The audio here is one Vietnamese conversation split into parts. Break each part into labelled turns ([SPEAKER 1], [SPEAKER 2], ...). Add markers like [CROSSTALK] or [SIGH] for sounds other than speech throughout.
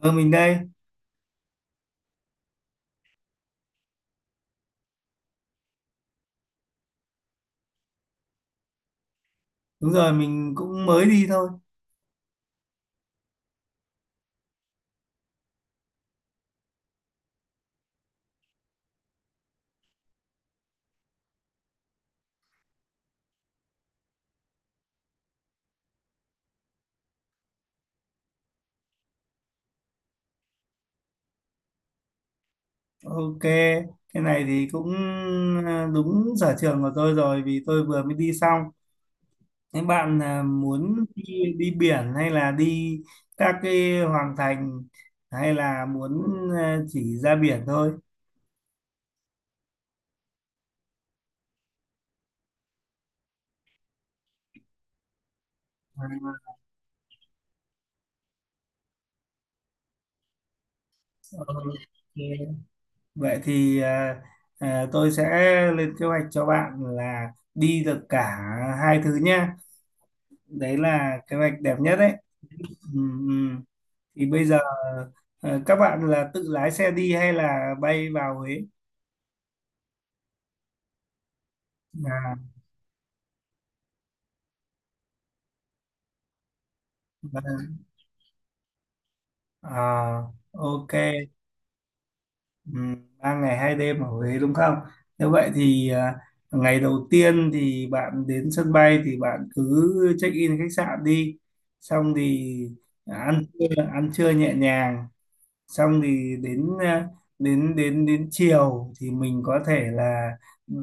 [SPEAKER 1] Ờ, mình đây. Đúng rồi, mình cũng mới đi thôi. Ok, cái này thì cũng đúng sở trường của tôi rồi vì tôi vừa mới đi xong. Thế bạn muốn đi biển hay là đi các cái hoàng thành hay là muốn chỉ ra biển thôi? À, ok. Vậy thì tôi sẽ lên kế hoạch cho bạn là đi được cả hai thứ nhá. Đấy là kế hoạch đẹp nhất đấy. Ừ, ừ, thì bây giờ các bạn là tự lái xe đi hay là bay vào Huế à, vâng. À, ok. 3 ngày 2 đêm ở Huế đúng không? Như vậy thì ngày đầu tiên thì bạn đến sân bay thì bạn cứ check in khách sạn đi, xong thì ăn trưa nhẹ nhàng, xong thì đến đến chiều thì mình có thể là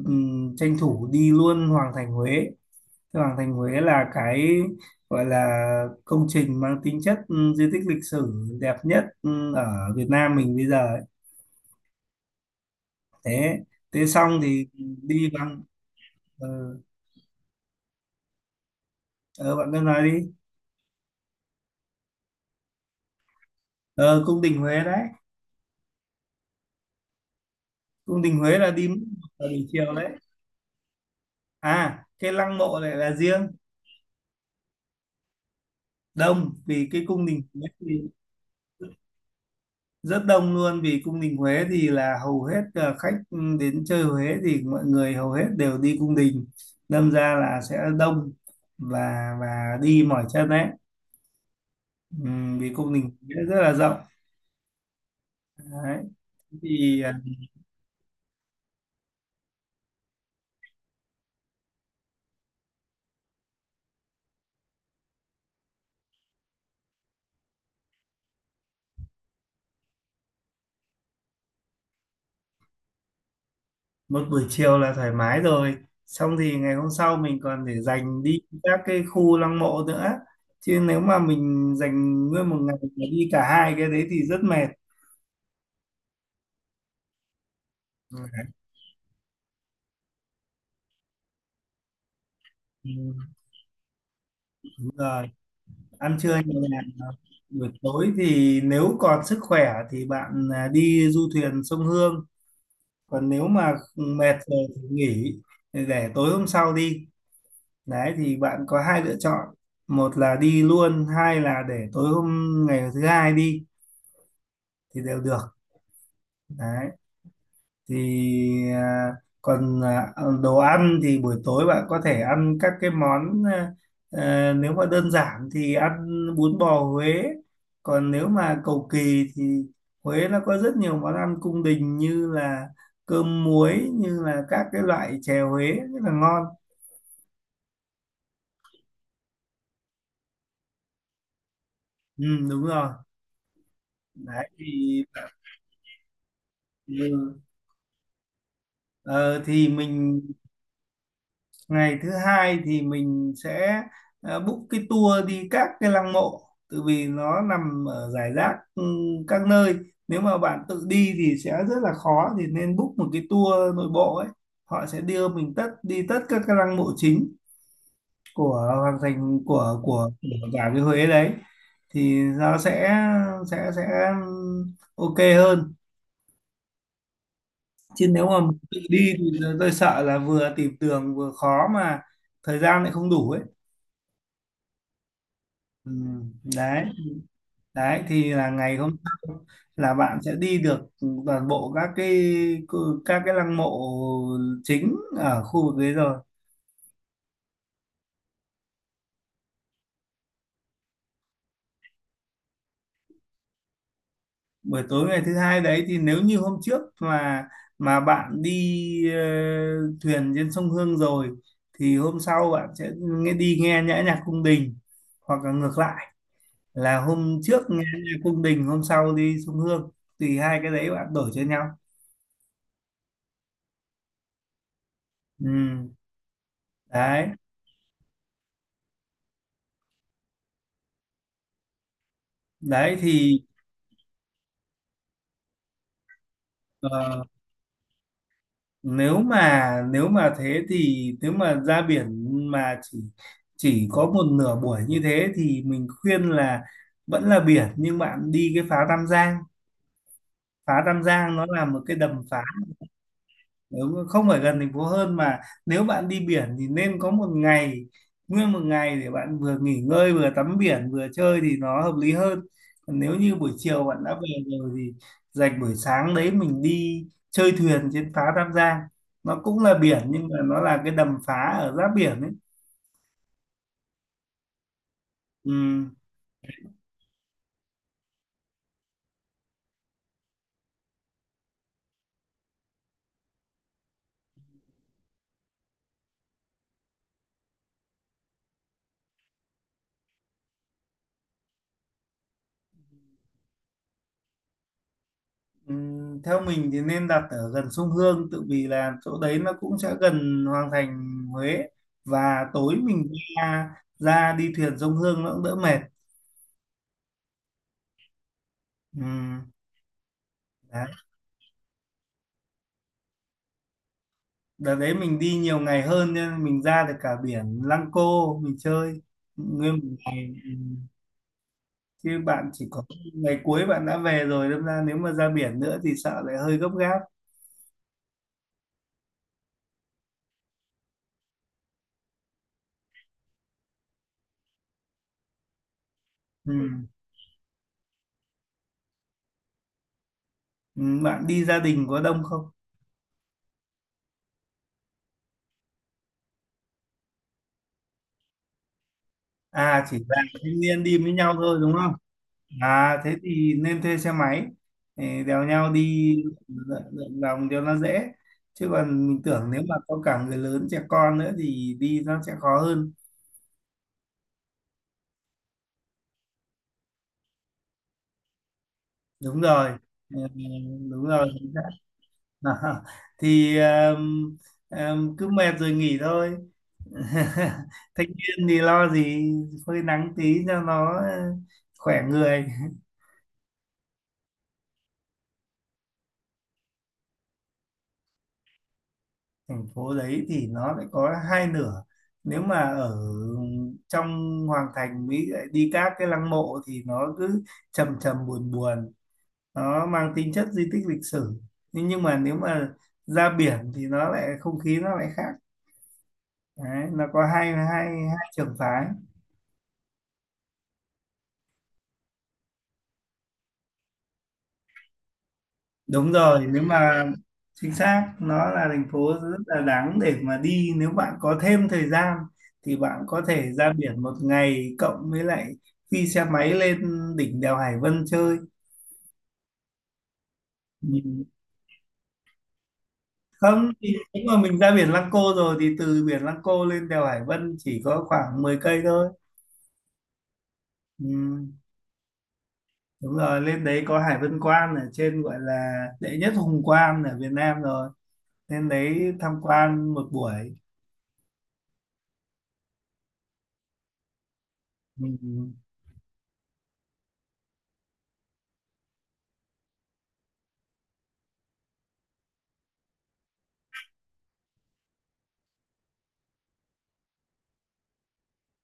[SPEAKER 1] tranh thủ đi luôn Hoàng Thành Huế. Thưa Hoàng Thành Huế là cái gọi là công trình mang tính chất di tích lịch sử đẹp nhất ở Việt Nam mình bây giờ ấy. Thế thế xong thì đi bằng ờ ờ, bạn cứ nói đi. Ờ, cung đình Huế đấy, cung đình Huế là đi vào buổi chiều đấy. À, cái lăng mộ lại là riêng. Đông, vì cái cung đình Huế thì rất đông luôn, vì cung đình Huế thì là hầu hết khách đến chơi Huế thì mọi người hầu hết đều đi cung đình, đâm ra là sẽ đông. Và và đi mỏi chân đấy. Vì cung đình Huế rất là rộng đấy. Thì một buổi chiều là thoải mái rồi, xong thì ngày hôm sau mình còn để dành đi các cái khu lăng mộ nữa, chứ nếu mà mình dành nguyên một ngày để đi cả hai cái đấy thì rất mệt. Ừm, đúng rồi, ăn trưa nhẹ nhàng. Ờ, buổi tối thì nếu còn sức khỏe thì bạn đi du thuyền sông Hương, còn nếu mà mệt rồi thì nghỉ để tối hôm sau đi. Đấy thì bạn có hai lựa chọn, một là đi luôn, hai là để tối hôm ngày thứ hai đi thì đều được. Đấy thì còn đồ ăn thì buổi tối bạn có thể ăn các cái món nếu mà đơn giản thì ăn bún bò Huế, còn nếu mà cầu kỳ thì Huế nó có rất nhiều món ăn cung đình như là cơm muối, như là các cái loại chè Huế rất là ngon. Ừ, đúng rồi, đấy thì ừ. Ờ, thì mình, ngày thứ hai thì mình sẽ book cái tour đi các cái lăng mộ, tự vì nó nằm ở rải rác các nơi, nếu mà bạn tự đi thì sẽ rất là khó, thì nên book một cái tour nội bộ ấy, họ sẽ đưa mình tất đi tất các cái lăng mộ chính của hoàng thành, của cả cái Huế đấy, thì nó sẽ ok hơn, chứ nếu mà tự đi thì tôi sợ là vừa tìm đường vừa khó mà thời gian lại không đủ ấy. Ừ, đấy, đấy thì là ngày hôm sau là bạn sẽ đi được toàn bộ các cái lăng mộ chính ở khu vực đấy rồi. Buổi tối ngày thứ hai đấy thì nếu như hôm trước mà bạn đi thuyền trên sông Hương rồi thì hôm sau bạn sẽ nghe nhã nhạc cung đình, hoặc là ngược lại, là hôm trước nghe nhạc cung đình, hôm sau đi sông Hương, thì hai cái đấy bạn đổi cho nhau. Ừ, đấy. Đấy thì ờ, nếu mà thế thì nếu mà ra biển mà chỉ có một nửa buổi như thế thì mình khuyên là vẫn là biển nhưng bạn đi cái phá Tam Giang. Phá Tam Giang nó là một cái đầm phá, nếu không phải gần thành phố hơn, mà nếu bạn đi biển thì nên có một ngày, nguyên một ngày để bạn vừa nghỉ ngơi vừa tắm biển vừa chơi thì nó hợp lý hơn, còn nếu như buổi chiều bạn đã về rồi thì dành buổi sáng đấy mình đi chơi thuyền trên phá Tam Giang, nó cũng là biển nhưng mà nó là cái đầm phá ở giáp biển ấy. Ừ, ừ, theo mình thì nên đặt ở gần sông Hương, tự vì là chỗ đấy nó cũng sẽ gần Hoàng Thành Huế, và tối mình ra ra đi thuyền sông Hương nó cũng đỡ mệt. Ừ, đấy. Đợt đấy mình đi nhiều ngày hơn nên mình ra được cả biển Lăng Cô, mình chơi nguyên một ngày. Ừ, chứ bạn chỉ có ngày cuối bạn đã về rồi, đâm ra nếu mà ra biển nữa thì sợ lại hơi gấp gáp. Ừ. Ừ, bạn đi gia đình có đông không? À, chỉ là thanh niên đi với nhau thôi đúng không? À thế thì nên thuê xe máy để đèo nhau đi, lượn lượn vòng cho nó dễ, chứ còn mình tưởng nếu mà có cả người lớn trẻ con nữa thì đi nó sẽ khó hơn. Đúng rồi. Ờ, đúng rồi. [LAUGHS] Thì cứ mệt rồi nghỉ thôi. [LAUGHS] Thanh niên thì lo gì, phơi nắng tí cho nó khỏe người. [LAUGHS] Thành phố đấy thì nó lại có hai nửa, nếu mà ở trong hoàng thành Mỹ lại đi các cái lăng mộ thì nó cứ trầm trầm buồn buồn, nó mang tính chất di tích lịch sử, nhưng mà nếu mà ra biển thì nó lại không khí nó lại khác. Đấy, nó có hai hai hai trường phái. Đúng rồi, nếu mà chính xác nó là thành phố rất là đáng để mà đi, nếu bạn có thêm thời gian thì bạn có thể ra biển một ngày, cộng với lại đi xe máy lên đỉnh đèo Hải Vân chơi. Nhìn- không thì nếu mà mình ra biển Lăng Cô rồi thì từ biển Lăng Cô lên đèo Hải Vân chỉ có khoảng 10 cây thôi. Ừ, đúng rồi, lên đấy có Hải Vân Quan ở trên gọi là đệ nhất hùng quan ở Việt Nam rồi, lên đấy tham quan một buổi. Ừ.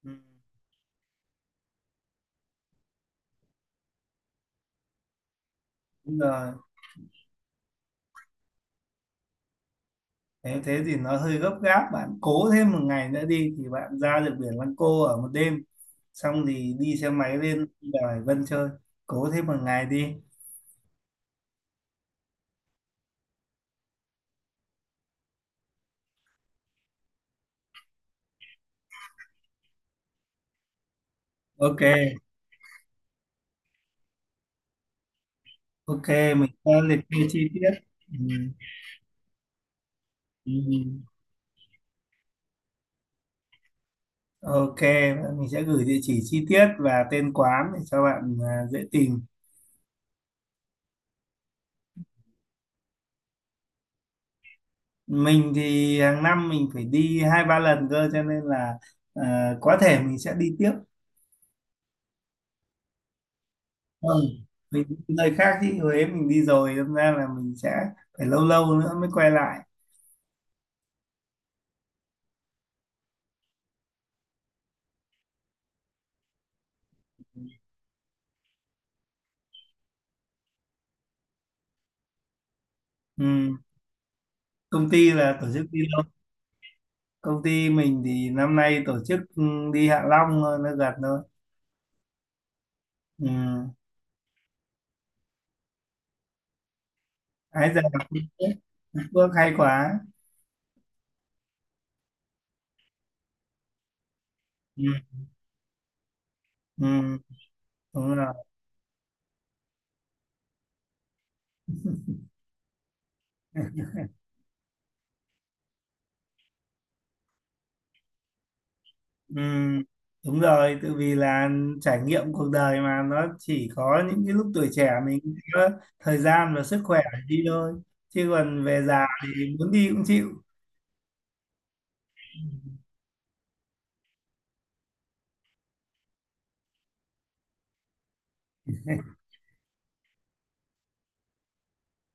[SPEAKER 1] Ừ. Đúng rồi. Thế thế thì nó hơi gấp gáp, bạn cố thêm một ngày nữa đi thì bạn ra được biển Lăng Cô ở một đêm, xong thì đi xe máy lên đèo Hải Vân chơi. Cố thêm một ngày đi. Ok, ok. Mình sẽ liệt kê chi tiết. Ừ. Ừ. Ừ. Ok, mình sẽ gửi địa chỉ chi tiết và tên quán để cho bạn dễ tìm. Mình thì hàng năm mình phải đi hai ba lần cơ, cho nên là có thể mình sẽ đi tiếp. Vâng, mình đi nơi khác chứ Huế mình đi rồi, đâm ra là mình sẽ phải lâu lâu nữa mới quay lại. Ừ. Công ty là tổ chức đi đâu? Công ty mình thì năm nay tổ chức đi Hạ Long thôi, nó gần thôi. Ừ. Ái ra là Phú Quốc. Phú Quốc hay quá. Ừ. Ừ. Đúng rồi. Ừ. Đúng rồi, tự vì là trải nghiệm cuộc đời mà, nó chỉ có những cái lúc tuổi trẻ mình có thời gian và sức khỏe để đi thôi, chứ còn về già thì muốn đi cũng chịu.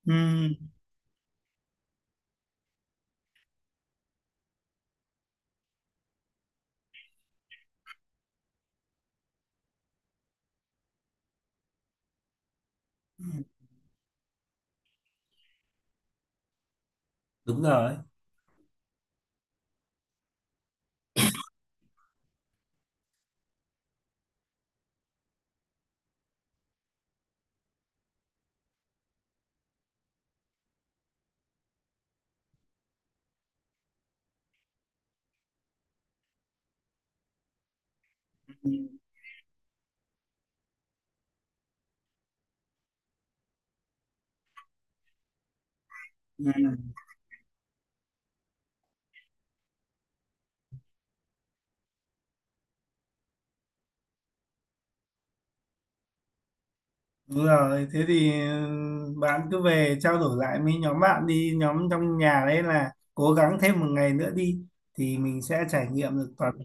[SPEAKER 1] Ừ. Đúng rồi. Ừ, ừ, đúng rồi. Thế thì bạn cứ về trao đổi lại với nhóm bạn đi, nhóm trong nhà đấy, là cố gắng thêm một ngày nữa đi thì mình sẽ trải nghiệm được toàn bộ.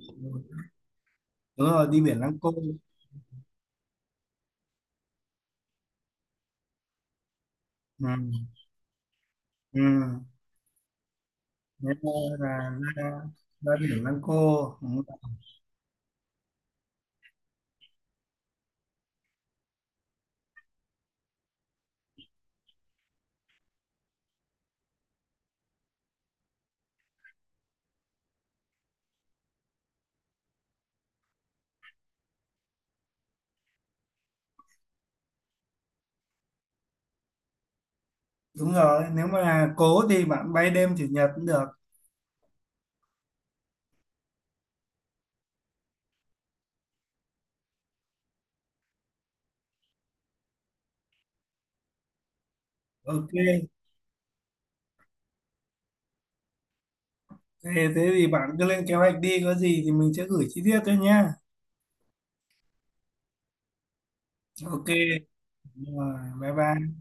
[SPEAKER 1] Đúng rồi, đi biển Lăng Cô. Ừ, ừ. Nếu mà là ra, ra biển Lăng Cô. Ừ. Đúng rồi, nếu mà là cố thì bạn bay đêm chủ nhật cũng được. Ok. Thế thì bạn cứ lên kế hoạch đi, có gì thì mình sẽ gửi chi tiết cho nhá. Ok. Đúng rồi. Bye bye.